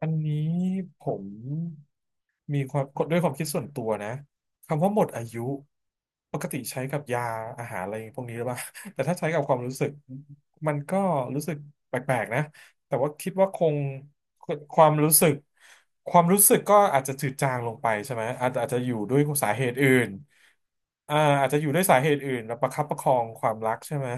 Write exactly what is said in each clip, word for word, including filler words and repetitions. อันนี้ผมมีความกดด้วยความคิดส่วนตัวนะคำว่าหมดอายุปกติใช้กับยาอาหารอะไรพวกนี้หรือเปล่า แต่ถ้าใช้กับความรู้สึกมันก็รู้สึกแปลกๆนะแต่ว่าคิดว่าคงความรู้สึกความรู้สึกก็อาจจะจืดจางลงไปใช่ไหมอาจอาจจะอยู่ด้วยสาเหตุอื่นอ่าอาจจะอยู่ด้วยสาเหตุอื่นแล้วประคับประคองความรักใช่ไหม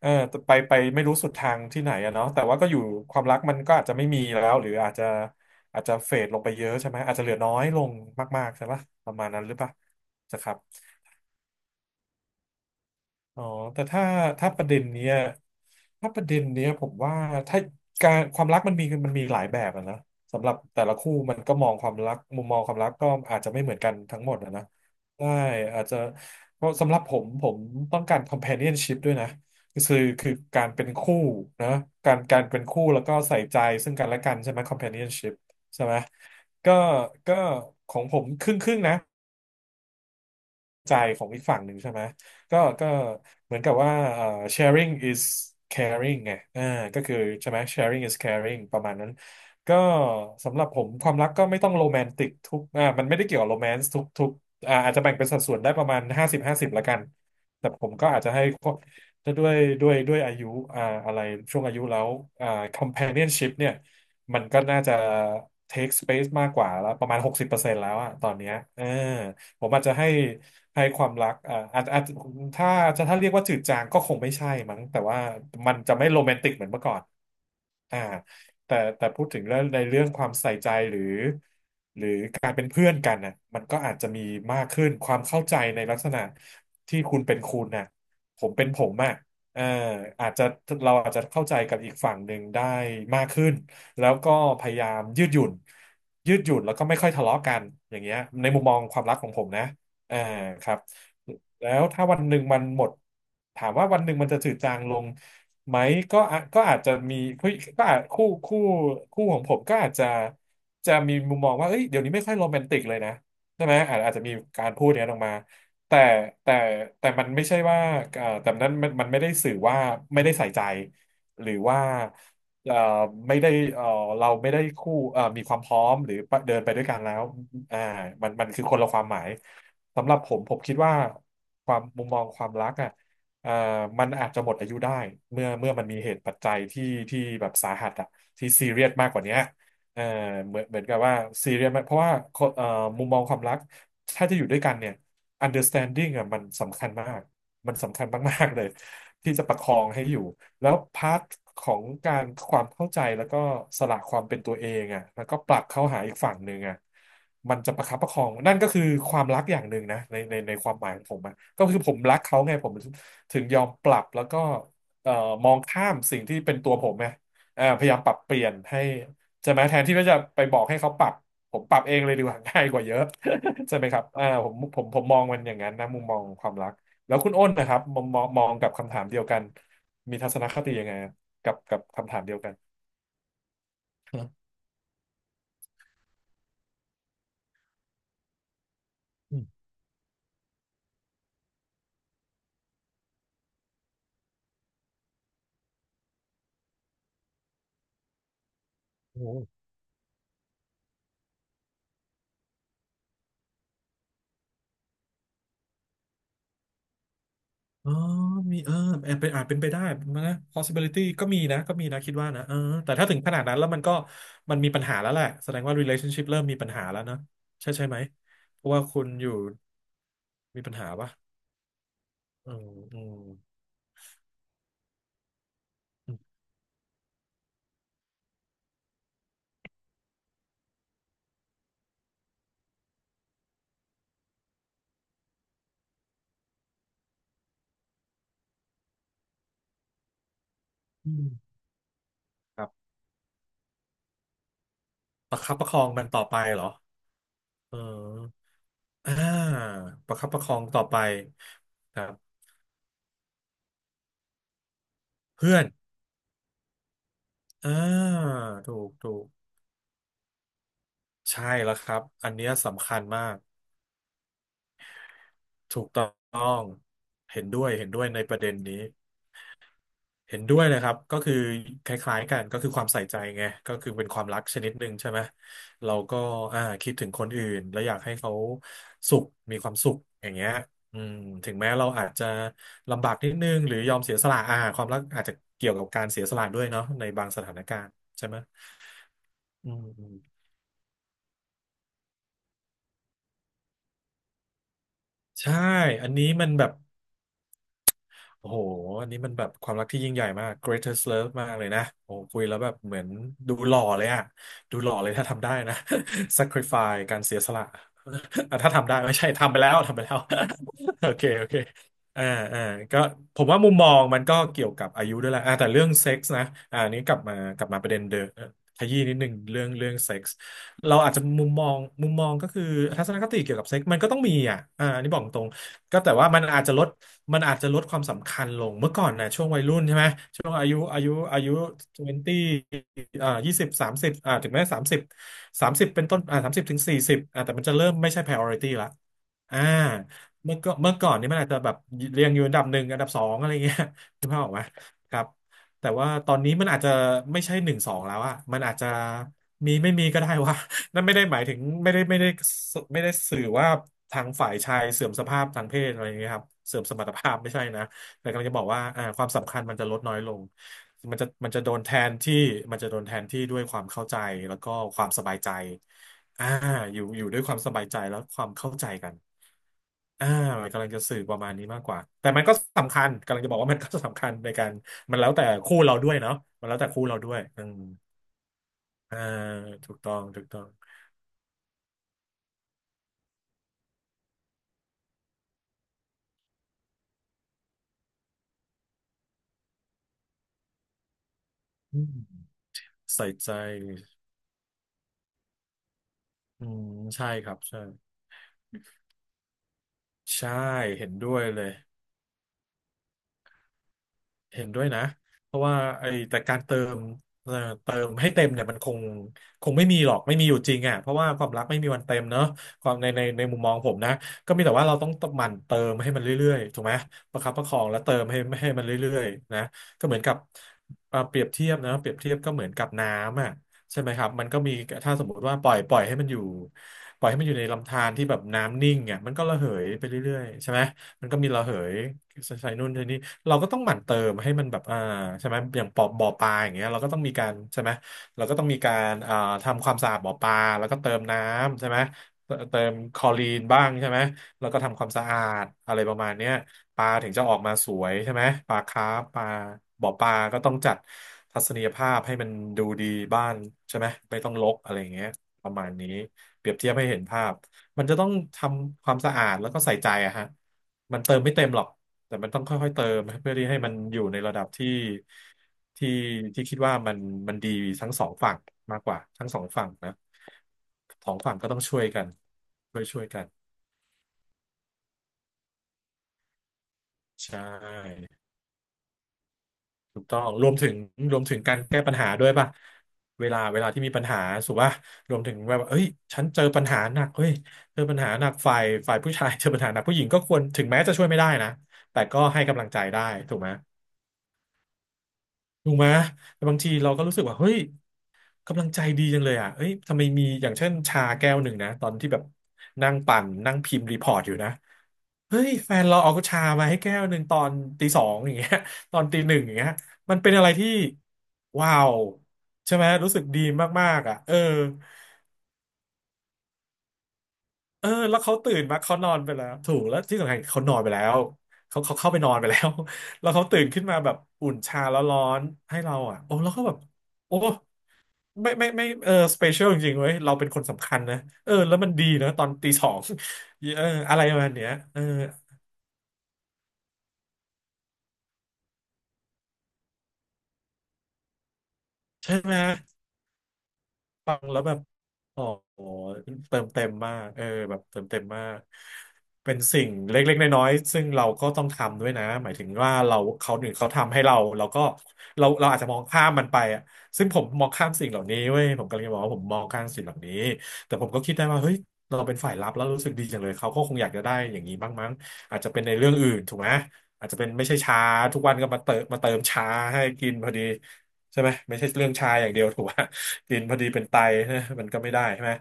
เออไปไปไม่รู้สุดทางที่ไหนอะเนาะแต่ว่าก็อยู่ความรักมันก็อาจจะไม่มีแล้วหรืออาจจะอาจจะเฟดลงไปเยอะใช่ไหมอาจจะเหลือน้อยลงมากๆใช่ปะประมาณนั้นหรือปะนะครับ อ๋อแต่ถ้าถ้าประเด็นเนี้ยถ้าประเด็นเนี้ยผมว่าถ้าการความรักมันมีมันมีหลายแบบอะนะสำหรับแต่ละคู่มันก็มองความรักมุมมองความรักก็อาจจะไม่เหมือนกันทั้งหมดอะนะใช่อาจจะเพราะสำหรับผมผมต้องการ companionship ด้วยนะคือคือการเป็นคู่นะการการเป็นคู่แล้วก็ใส่ใจซึ่งกันและกันใช่ไหม companionship ใช่ไหมก็ก็ของผมครึ่งครึ่งนะ ใจของอีกฝั่งหนึ่งใช่ไหมก็ก็เหมือนกับว่าเอ่อ sharing is caring ไงอ่าก็คือใช่ไหม sharing is caring ประมาณนั้นก็สำหรับผมความรักก็ไม่ต้องโรแมนติกทุกอ่ามันไม่ได้เกี่ยวกับโรแมนต์ทุกทุกอ่าอาจจะแบ่งเป็นสัดส่วนได้ประมาณห้าสิบห้าสิบละกันแต่ผมก็อาจจะให้จะด้วยด้วยด้วยอายุอ่าอะไรช่วงอายุแล้วอ่า companionship เนี่ยมันก็น่าจะ take space มากกว่าแล้วประมาณหกสิบเปอร์เซ็นต์แล้วอะตอนเนี้ยเออ ผมอาจจะให้ให้ความรักอ่าอาจอาจถ้าจะถ้าเรียกว่าจืดจางก็คงไม่ใช่มั้งแต่ว่ามันจะไม่โรแมนติกเหมือนเมื่อก่อนอ่าแต่แต่พูดถึงเรื่องในเรื่องความใส่ใจหรือ การเป็นเพื่อนกันนะมันก็อาจจะมีมากขึ้นความเข้าใจในลักษณะที่คุณเป็นคุณนะผมเป็นผมอะเอออาจจะเราอาจจะเข้าใจกับอีกฝั่งหนึ่งได้มากขึ้นแล้วก็พยายามยืดหยุ่นยืดหยุ่นแล้วก็ไม่ค่อยทะเลาะกันอย่างเงี้ยในมุมมองความรักของผมนะเออครับ แล้วถ้าวันหนึ่งมันหมดถามว่าวันหนึ่งมันจะจืดจางลงไหมก็อาก็อาจจะมีผู้ก็อาจคู่คู่คู่ของผมก็อาจจะจะมีมุมมองว่าเอ้ยเดี๋ยวนี้ไม่ค่อยโรแมนติกเลยนะใช่ไหมอาจอาจจะมีการพูดอย่างนั้นออกมาแต่แต่แต่มันไม่ใช่ว่าเอ่อแต่นั้นมันมันไม่ได้สื่อว่าไม่ได้ใส่ใจหรือว่าเอ่อไม่ได้เอ่อเราไม่ได้คู่เอ่อมีความพร้อมหรือเดินไปด้วยกันแล้วอ่ามันมันคือคนละความหมายสำหรับผมผมคิดว่า ความมุมมองความรักอ่ะเอ่อมันอาจจะหมดอายุได้เมื่อเมื่อมันมีเหตุปัจจัยที่ที่แบบสาหัสอ่ะที่ซีเรียสมากกว่าเนี้ยเอ่อเหมือนเหมือนกับว่าซีเรียสมากเพราะว่าคนเอ่อมุมมองความรักถ้าจะอยู่ด้วยกันเนี่ย understanding อ่ะมันสำคัญมากมันสำคัญมากๆเลยที่จะประคองให้อยู่ แล้วพาร์ทของการความเข้าใจแล้วก็สละความเป็นตัวเองอ่ะแล้วก็ปรับเข้าหาอีกฝั่งหนึ่งอ่ะมันจะประคับประคองนั่นก็คือความรักอย่างหนึ่งนะในในในความหมายของผมอะก็คือผมรักเขาไงผมถึงยอมปรับแล้วก็เอ่อมองข้ามสิ่งที่เป็นตัวผมไงเอ่อพยายามปรับเปลี่ยนให้ใช่ไหมแทนที่ว่าจะไปบอกให้เขาปรับผมปรับเองเลยดีกว่า ง่ายกว่าเยอะ ใช่ไหมครับอ่าผมผมผมมองมันอย่างนั้นนะมุมมองความรักแล้วคุณอ้นนะครับมองมองมองกับคำถามเดียวกัน มีทัศนคติยังไงอะกับกับคำถามเดียวกันอืมโอ้โหอ๋อมีเออแอบเป็นอาจเป็นไปได้นะ possibility ก็มีนะก็มีนะคิดว่านะเออแต่ถ้าถึงขนาดนั้นแล้วมันก็มันมีปัญหาแล้วแหละ แสดงว่า relationship เริ่มมีปัญหาแล้วนะ ใช่ใช่ไหม เพราะว่าคุณอยู่มีปัญหาปะเอออืมอืมอืมครับประคับประคองมันต่อไปเหรอเอออ่าประคับประคองต่อไปครับเพื่อนอ่าถูกถูก ใช่แล้วครับอันเนี้ยสำคัญมากถูกต้องเห็นด้วยเห็นด้วยในประเด็นนี้เห็นด้วยเลยครับก็คือคล้ายๆกันก็คือความใส่ใจไงก็คือเป็นความรักชนิดหนึ่งใช่ไหมเราก็อ่าคิดถึงคนอื่นแล้วอยากให้เขาสุขมีความสุขอย่างเงี้ยอืมถึงแม้เราอาจจะลำบากนิดนึงหรือยอมเสียสละอ่าความรักอาจจะเกี่ยวกับการเสียสละด้วยเนาะในบางสถานการณ์ใช่ไหมอืมใช่อันนี้มันแบบ โอ้โหอันนี้มันแบบความรักที่ยิ่งใหญ่มาก greatest love มากเลยนะโอ้คุยแล้วแบบเหมือนดูหล่อเลยอะดูหล่อเลยถ้าทำได้นะ sacrifice การเสียสละ อ่ะถ้าทำได้ไม่ใช่ทำไปแล้วทำไปแล้ว โอเคโอเคอ่าอ่าก็ผมว่ามุมมองมันก็เกี่ยวกับอายุด้วยแหละอ่าแต่เรื่องเซ็กส์นะอ่าอันนี้กลับมากลับมาประเด็นเดิมขยี้นิดนึงเรื่องเรื่องเซ็กส์เราอาจจะมุมมองมุมมองก็คือทัศนคติเกี่ยวกับเซ็กส์มันก็ต้องมีอ่ะอ่าอันนี้บอกตรง ก็แต่ว่ามันอาจจะลดมันอาจจะลดความสำคัญลงเมื่อก่อนนะช่วงวัยรุ่นใช่ไหม ช่วงอายุอายุอายุทเวนตีสิบอ่ายี่สิบสามสิบอ่าถึงแม้สามสิบสามสิบเป็นต้นอ่าสามสิบถึงสี่สิบอ่าแต่มันจะเริ่มไม่ใช่ priority ละอ่าเมื่อก็เมื่อก่อนนี่มันอาจจะแบบเรียงอยู่อันดับหนึ่งอันดับสองอะไรเงี้ย คุณพ่อบอกไหมครับแต่ว่าตอนนี้มันอาจจะไม่ใช่หนึ่งสองแล้วอะมันอาจจะมีไม่มีก็ได้วะ นั่นไม่ได้หมายถึงไม่ได้ไม่ได้ไม่ได้สื่อว่าทางฝ่ายชายเสื่อมสภาพทางเพศอะไรอย่างเงี้ยครับเสื่อมสมรรถภาพไม่ใช่นะแต่กำลังจะบอกว่าอ่าความสำคัญมันจะลดน้อยลงมันจะมันจะโดนแทนที่มันจะโดนแทนที่ด้วยความเข้าใจแล้วก็ความสบายใจอ่าอยู่อยู่ด้วยความสบายใจแล้วความเข้าใจกันอ่ากำลังจะสื่อประมาณนี้มากกว่าแต่มันก็สำคัญกำลังจะบอกว่ามันก็สำคัญในการมันแล้วแต่คู่เราด้วยเนาะมันแล้วแต่คู่เราด้วยอืมอ่าถูกต้องถูกต้อง ใส่ใจอืมใช่ครับ ใช่ ใช่ เห็นด้วยเลย เห็นด้วยนะเพราะว่าไอ้แต่การเติมเอ่อเติมให้เต็มเนี่ยมันคงคงไม่มีหรอกไม่มีอยู่จริงอ่ะเพราะว่าความรักไม่มีวันเต็มเนอะความในในในมุมมองผมนะก็มีแต่ว่าเราต้องหมั่นเติมให้มันเรื่อยๆถูกไหมประคับประคองและเติมให้ให้มันเรื่อยๆนะก็เหมือนกับเอ่อเปรียบเทียบนะเปรียบเทียบก็เหมือนกับน้ำอ่ะใช่ไหมครับมันก็มีถ้าสมมติว่าปล่อยปล่อยให้มันอยู่ปล่อยให้มันอยู่ในลำธารที่แบบน้ำนิ่งอ่ะมันก็ระเหยไปเรื่อยๆใช่ไหม มันก็มีระเหยใส่ใส่นู่นใส่นี่เราก็ต้องหมั่นเติมให้มันแบบอ่าใช่ไหมอย่างปอบ่อปลาอย่างเงี้ยเราก็ต้องมีการใช่ไหมเราก็ต้องมีการอ่าทำความสะอาดบ่อปลาแล้วก็เติมน้ำใช่ไหมเติเติมคลอรีนบ้างใช่ไหมแล้วก็ทำความสะอาดอะไรประมาณเนี้ยปลาถึงจะออกมาสวยใช่ไหมปลาคาร์ปปลาบ่อปลาก็ต้องจัดทัศนียภาพให้มันดูดีบ้านใช่ไหมไม่ต้องรกอะไรอย่างเงี้ยประมาณนี้เปรียบเทียบให้เห็นภาพมันจะต้องทำความสะอาดแล้วก็ใส่ใจอะฮะ มันเติมไม่เต็มหรอก แต่มันต้องค่อยๆเติมเพื่อที่ให้มันอยู่ในระดับที่ที่ที่คิดว่ามันมันดีทั้งสองฝั่งมากกว่าทั้งสองฝั่งนะสองฝั่งก็ต้องช่วยกันช่วยช่วยกันใช่ถูกต้องรวมถึงรวมถึงการแก้ปัญหาด้วยป่ะเวลาเวลาที่มีปัญหาสุว่ารวมถึงว่าเอ้ยฉันเจอปัญหาหนักเฮ้ยเจอปัญหาหนักฝ่ายฝ่ายผู้ชายเจอปัญหาหนักผู้หญิงก็ควรถึงแม้จะช่วยไม่ได้นะแต่ก็ให้กำลังใจได้ถูกไหม ถูกไหมแต่บางทีเราก็รู้สึกว่าเฮ้ยกำลังใจดีจังเลยอ่ะเอ้ยทำไมมีอย่างเช่นชาแก้วหนึ่งนะตอนที่แบบนั่งปั่นนั่งพิมพ์รีพอร์ตอยู่นะเฮ้ยแฟนเราเอาชามาให้แก้วหนึ่งตอนตีสองอย่างเงี้ย ตอนตีหนึ่งอย่างเงี้ยมันเป็นอะไรที่ว้าวใช่ไหมรู้สึกดีมากๆอ่ะเออเออแล้วเขาตื่นมาเขานอนไปแล้วถูกแล้วที่สำคัญเขานอนไปแล้วเขาเขาเข้าไปนอนไปแล้ว แล้วเขาตื่นขึ้นมาแบบอุ่นชาแล้วร้อนให้เราอ่ะโอ้แล้วเขาแบบโอ้ ไม่ไม่ไม่เออสเปเชียลจริงๆเว้ยเราเป็นคนสำคัญนะเออแล้วมันดีนะตอนตีสอง เอออะไรประมาณเนี้ยเออใช่ไหม ฟังแล้วแบบอ๋อเติมเต็มมากเออแบบเติมเต็มมากเป็นสิ่งเล็กๆน้อยๆซึ่งเราก็ต้องทำด้วยนะหมายถึงว่าเราเขาหนึ่งเขาทำให้เราเราก็เราเราอาจจะมองข้ามมันไปอะซึ่งผมมองข้ามสิ่งเหล่านี้เว้ยผมกำลังจะบอกว่าผมมองข้ามสิ่งเหล่านี้แต่ผมก็คิดได้ว่าเฮ้ยเราเป็นฝ่ายรับแล้วรู้สึกดีจังเลยเขาก็คงอยากจะได้อย่างนี้บ้างมั้งอาจจะเป็นในเรื่องอื่นถูกไหมอาจจะเป็นไม่ใช่ชาทุกวันก็มาเติมมาเติมชาให้กินพอดีใช่ไหมไม่ใช่เรื่องชาอย่างเดียวถูกไหม กินพอดีเป็นไตนะมัน ก็ไม่ได้ใช่ไหม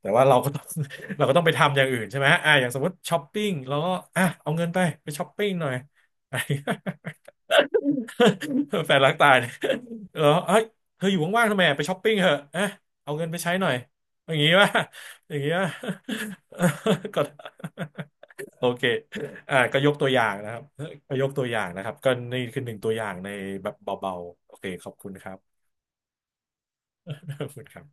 แต่ว่า เราก็ต้อง เราก็ต้องไปทำอย่างอื่นใช่ไหมอ่ะอย่างสมมติช้อปปิ้งเราก็อ่ะเอาเงินไปไปช้อปปิ้งหน่อย แฟนรักตาย เนี่ยเออเฮ้ยเธออยู่ว่างๆทำไมอ่ะไปช้อปปิ้งเถอะอ่ะเอาเงินไปใช้หน่อยอย่างงี้ป่ะ อย่างงี้ป่ะ ก็โอเคอ่าก็ยกตัวอย่างนะครับก็ยกตัวอย่างนะครับก็นี่คือหนึ่งตัวอย่างในแบบเบาๆโอเคขอบคุณครับ ขอบคุณครับ